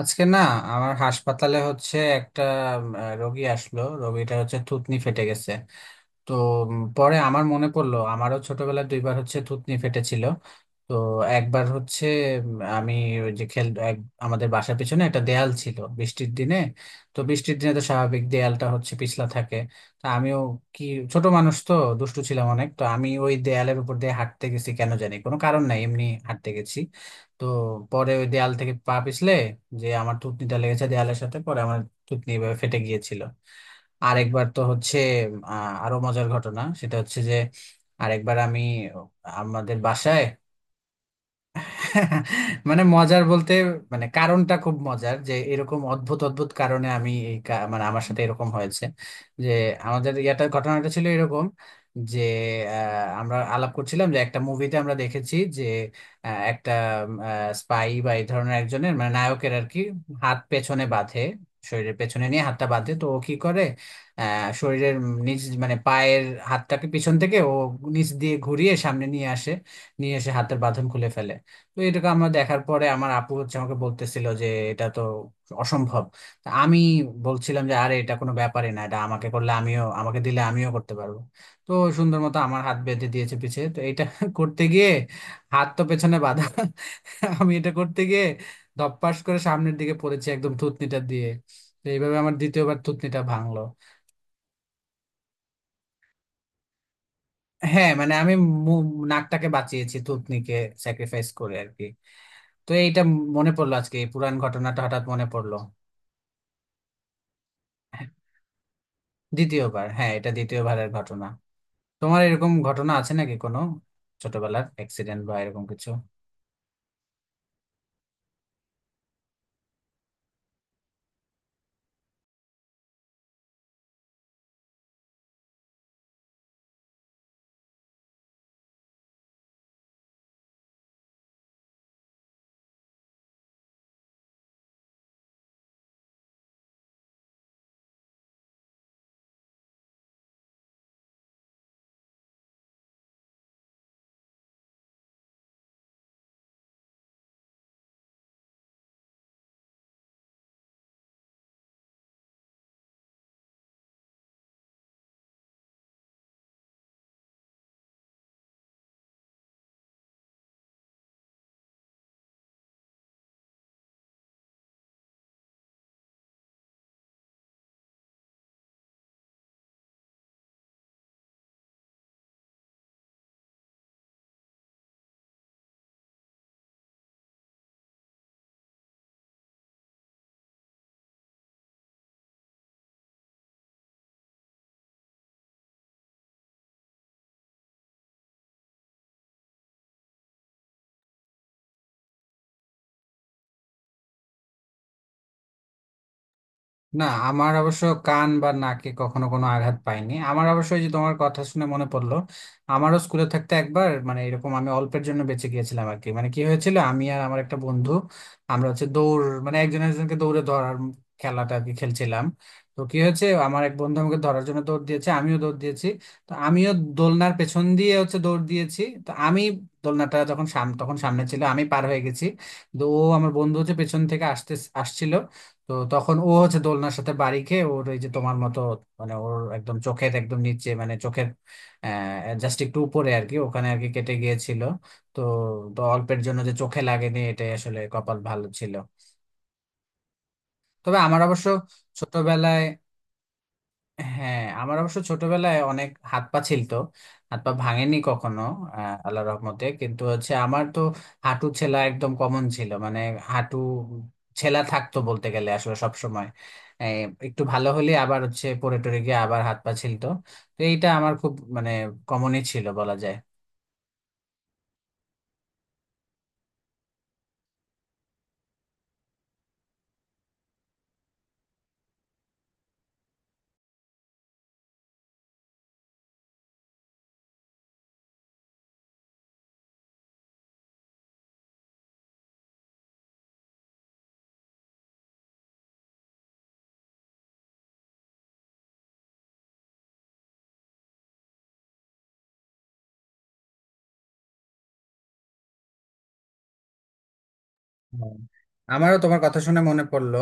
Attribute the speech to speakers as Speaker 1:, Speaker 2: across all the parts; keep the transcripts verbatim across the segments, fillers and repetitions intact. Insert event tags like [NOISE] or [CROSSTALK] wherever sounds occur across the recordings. Speaker 1: আজকে না আমার হাসপাতালে হচ্ছে একটা উম, আহ, রোগী আসলো। রোগীটা হচ্ছে থুতনি ফেটে গেছে। তো উম, পরে আমার মনে পড়লো আমারও ছোটবেলায় দুইবার হচ্ছে থুতনি ফেটেছিল। তো একবার হচ্ছে উম, আমি ওই যে খেল এক- আমাদের বাসার পিছনে একটা দেয়াল ছিল বৃষ্টির দিনে। তো বৃষ্টির দিনে তো স্বাভাবিক দেয়ালটা হচ্ছে পিছলা থাকে। তা আমিও কি ছোট মানুষ তো দুষ্টু ছিলাম অনেক তো আমি ওই দেয়ালের উপর দিয়ে হাঁটতে গেছি কেন জানি কোনো কারণ নাই এমনি হাঁটতে গেছি। তো পরে ওই দেয়াল থেকে পা পিছলে যে আমার থুতনিটা লেগেছে দেয়ালের সাথে পরে আমার থুতনি এভাবে ফেটে গিয়েছিল। আরেকবার তো হচ্ছে আহ, আরো মজার ঘটনা সেটা হচ্ছে যে আরেকবার আমি আমাদের বাসায় মানে মজার বলতে মানে কারণটা খুব মজার যে এরকম অদ্ভুত অদ্ভুত কারণে আমি এই কা- মানে আমার সাথে এরকম হয়েছে যে আমাদের ইয়াটা ঘটনাটা ছিল এরকম যে আহ, আমরা আলাপ করছিলাম যে একটা মুভিতে আমরা দেখেছি যে আহ, একটা স্পাই বা এই ধরনের একজনের মানে নায়কের আর কি হাত পেছনে বাঁধে শরীরের পেছনে নিয়ে হাতটা বাঁধে তো ও কি করে আহ শরীরের নিচ মানে পায়ের হাতটাকে পিছন থেকে ও নিচ দিয়ে ঘুরিয়ে সামনে নিয়ে আসে নিয়ে এসে হাতের বাঁধন খুলে ফেলে। তো এটাকে আমরা দেখার পরে আমার আপু হচ্ছে আমাকে বলতেছিল যে এটা তো অসম্ভব। তা আমি বলছিলাম যে আরে এটা কোনো ব্যাপারই না এটা আমাকে করলে আমিও আমাকে দিলে আমিও করতে পারবো। তো সুন্দর মতো আমার হাত বেঁধে দিয়েছে পিছে তো এটা [LAUGHS] করতে গিয়ে হাত তো পেছনে বাঁধা আমি এটা করতে গিয়ে ধপাস করে সামনের দিকে পড়েছি একদম থুতনিটা দিয়ে। তো এইভাবে আমার দ্বিতীয়বার থুতনিটা ভাঙলো। হ্যাঁ মানে আমি মু- নাকটাকে বাঁচিয়েছি থুতনিকে স্যাক্রিফাইস করে আর কি। তো এইটা মনে পড়লো আজকে এই পুরান ঘটনাটা হঠাৎ মনে পড়লো। দ্বিতীয়বার হ্যাঁ এটা দ্বিতীয়বারের ঘটনা। তোমার এরকম ঘটনা আছে নাকি কোনো ছোটবেলার অ্যাক্সিডেন্ট বা এরকম কিছু? না আমার অবশ্য কান বা নাকে কখনো কোনো আঘাত পাইনি আমার অবশ্য ওই যে তোমার কথা শুনে মনে পড়লো। আমারও স্কুলে থাকতে একবার মানে এরকম আমি অল্পের জন্য বেঁচে গিয়েছিলাম আর কি মানে কি হয়েছিল আমি আর আমার একটা বন্ধু আমরা হচ্ছে দৌড় মানে একজন একজনকে দৌড়ে ধরার খেলাটা আর কি খেলছিলাম। তো কি হয়েছে আমার এক বন্ধু আমাকে ধরার জন্য দৌড় দিয়েছে আমিও দৌড় দিয়েছি। তো আমিও দোলনার পেছন দিয়ে হচ্ছে দৌড় দিয়েছি তো আমি দোলনাটা যখন সাম তখন সামনে ছিল আমি পার হয়ে গেছি। তো ও আমার বন্ধু হচ্ছে পেছন থেকে আসতে আসছিল। তো তখন ও হচ্ছে দোলনার সাথে বাড়ি খেয়ে ওর এই যে তোমার মতো মানে ওর একদম চোখের একদম নিচে মানে চোখের আহ জাস্ট একটু উপরে আর কি ওখানে আর কি কেটে গিয়েছিল। তো তো অল্পের জন্য যে চোখে লাগেনি এটাই আসলে কপাল ভালো ছিল। তবে আমার অবশ্য ছোটবেলায় হ্যাঁ আমার অবশ্য ছোটবেলায় অনেক হাত পা ছিলতো। হাত পা ভাঙেনি কখনো। আহ, আল্লাহর রহমতে কিন্তু হচ্ছে আমার তো হাঁটু ছেলা একদম কমন ছিল মানে হাঁটু ছেলা থাকতো বলতে গেলে আসলে সব সময়। একটু ভালো হলে আবার হচ্ছে পড়ে টরে গিয়ে আবার হাত পা ছিলতো। তো এইটা আমার খুব মানে কমনই ছিল বলা যায়। হুম। আমারও তোমার কথা শুনে মনে পড়লো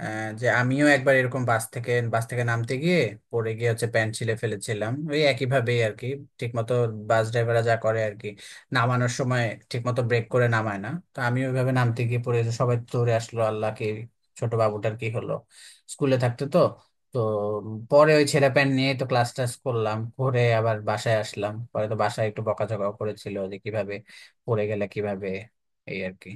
Speaker 1: আহ, যে আমিও একবার এরকম বাস থেকে বাস থেকে নামতে গিয়ে পড়ে গিয়ে হচ্ছে প্যান্ট ছিলে ফেলেছিলাম ওই একই ভাবেই আর কি। ঠিক মতো বাস ড্রাইভাররা যা করে আর কি নামানোর সময় ঠিক মতো ব্রেক করে নামায় না তো আমি ওইভাবে নামতে গিয়ে পড়ে গেছি, সবাই দৌড়ে আসলো আল্লাহ কি ছোট বাবুটার কি হলো স্কুলে থাকতে তো। তো পরে ওই ছেঁড়া প্যান্ট নিয়ে তো ক্লাস টাস করলাম করে আবার বাসায় আসলাম পরে তো বাসায় একটু বকাঝকাও করেছিল যে কিভাবে পড়ে গেলে কিভাবে এই আর কি।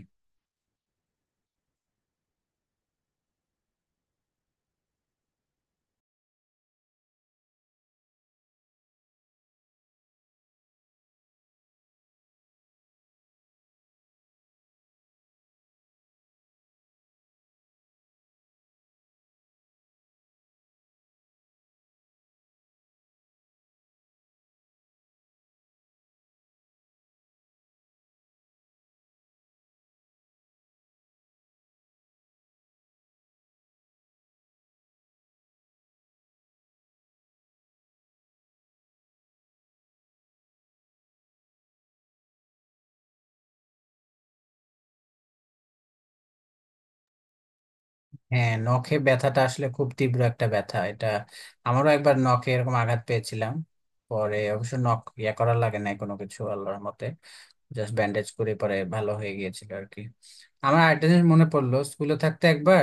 Speaker 1: হ্যাঁ নখে ব্যথাটা আসলে খুব তীব্র একটা ব্যথা এটা। আমারও একবার নখে এরকম আঘাত পেয়েছিলাম। পরে অবশ্য নখ ইয়া করা লাগে নাই কোনো কিছু আল্লাহর মতে জাস্ট ব্যান্ডেজ করে পরে ভালো হয়ে গিয়েছিল আর কি। আমার আরেকটা জিনিস মনে পড়লো স্কুলে থাকতে একবার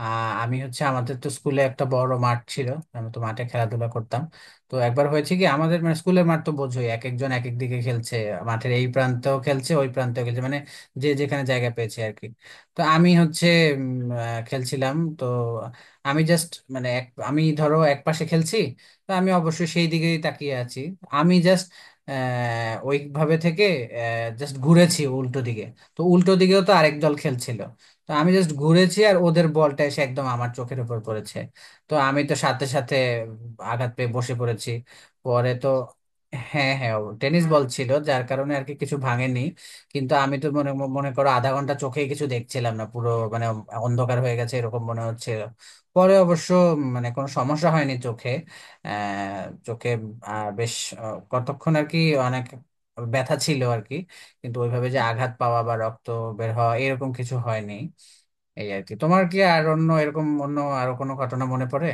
Speaker 1: আহ, আমি হচ্ছে আমাদের তো স্কুলে একটা বড় মাঠ ছিল। আমি তো মাঠে খেলাধুলা করতাম। তো একবার হয়েছে কি আমাদের মানে স্কুলের মাঠ তো বোঝোই এক একজন এক এক দিকে খেলছে মাঠের এই প্রান্তেও খেলছে ওই প্রান্তেও খেলছে মানে যে যেখানে জায়গা পেয়েছে আর কি। তো আমি হচ্ছে উম, আহ, খেলছিলাম তো আমি জাস্ট মানে এক আমি ধরো এক পাশে খেলছি তো আমি অবশ্যই সেই দিকেই তাকিয়ে আছি আমি জাস্ট আহ, ওইভাবে থেকে জাস্ট ঘুরেছি উল্টো দিকে। তো উল্টো দিকেও তো আরেক দল খেলছিল। তো আমি জাস্ট ঘুরেছি আর ওদের বলটা এসে একদম আমার চোখের উপর পড়েছে। তো আমি তো সাথে সাথে আঘাত পেয়ে বসে পড়েছি পরে তো হ্যাঁ হ্যাঁ টেনিস বল ছিল যার কারণে আর কি কিছু ভাঙেনি। কিন্তু আমি তো মনে মনে করো আধা ঘন্টা চোখেই কিছু দেখছিলাম না পুরো মানে অন্ধকার হয়ে গেছে এরকম মনে হচ্ছিল। পরে অবশ্য মানে কোনো সমস্যা হয়নি চোখে আহ, চোখে আহ, বেশ আহ, কতক্ষণ আর কি অনেক ব্যথা ছিল আর কি কিন্তু ওইভাবে যে আঘাত পাওয়া বা রক্ত বের হওয়া এরকম কিছু হয়নি এই আর কি। তোমার কি আর অন্য এরকম অন্য আরো কোনো ঘটনা মনে পড়ে?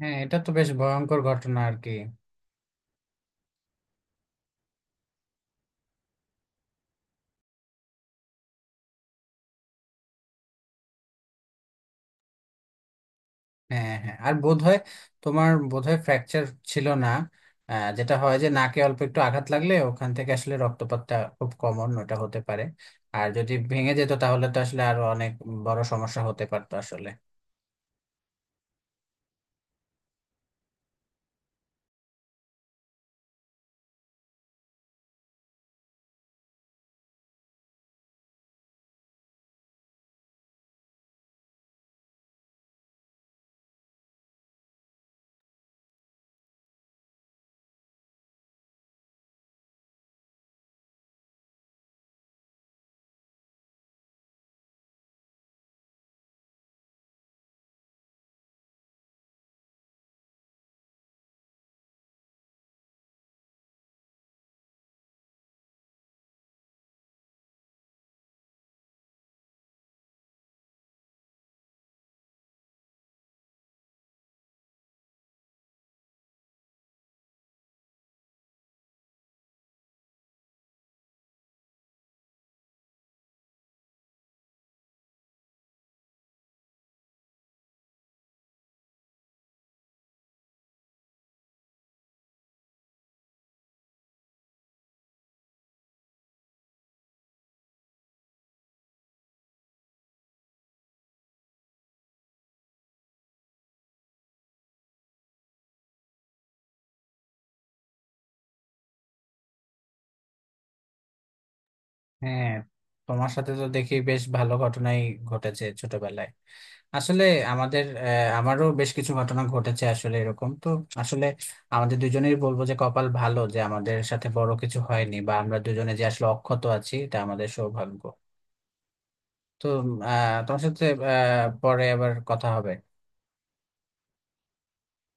Speaker 1: হ্যাঁ এটা তো বেশ ভয়ঙ্কর ঘটনা আর কি। হ্যাঁ হ্যাঁ আর বোধহয় তোমার বোধহয় ফ্র্যাকচার ছিল না? আহ, যেটা হয় যে নাকে অল্প একটু আঘাত লাগলে ওখান থেকে আসলে রক্তপাতটা খুব কমন ওটা হতে পারে। আর যদি ভেঙে যেত তাহলে তো আসলে আরো অনেক বড় সমস্যা হতে পারতো আসলে। হ্যাঁ তোমার সাথে তো দেখি বেশ ভালো ঘটনাই ঘটেছে ছোটবেলায় আসলে আমাদের আহ, আমারও বেশ কিছু ঘটনা ঘটেছে আসলে এরকম তো আসলে আমাদের দুজনেই বলবো যে কপাল ভালো যে আমাদের সাথে বড় কিছু হয়নি বা আমরা দুজনে যে আসলে অক্ষত আছি এটা আমাদের সৌভাগ্য। তো আহ তোমার সাথে আহ পরে আবার কথা হবে।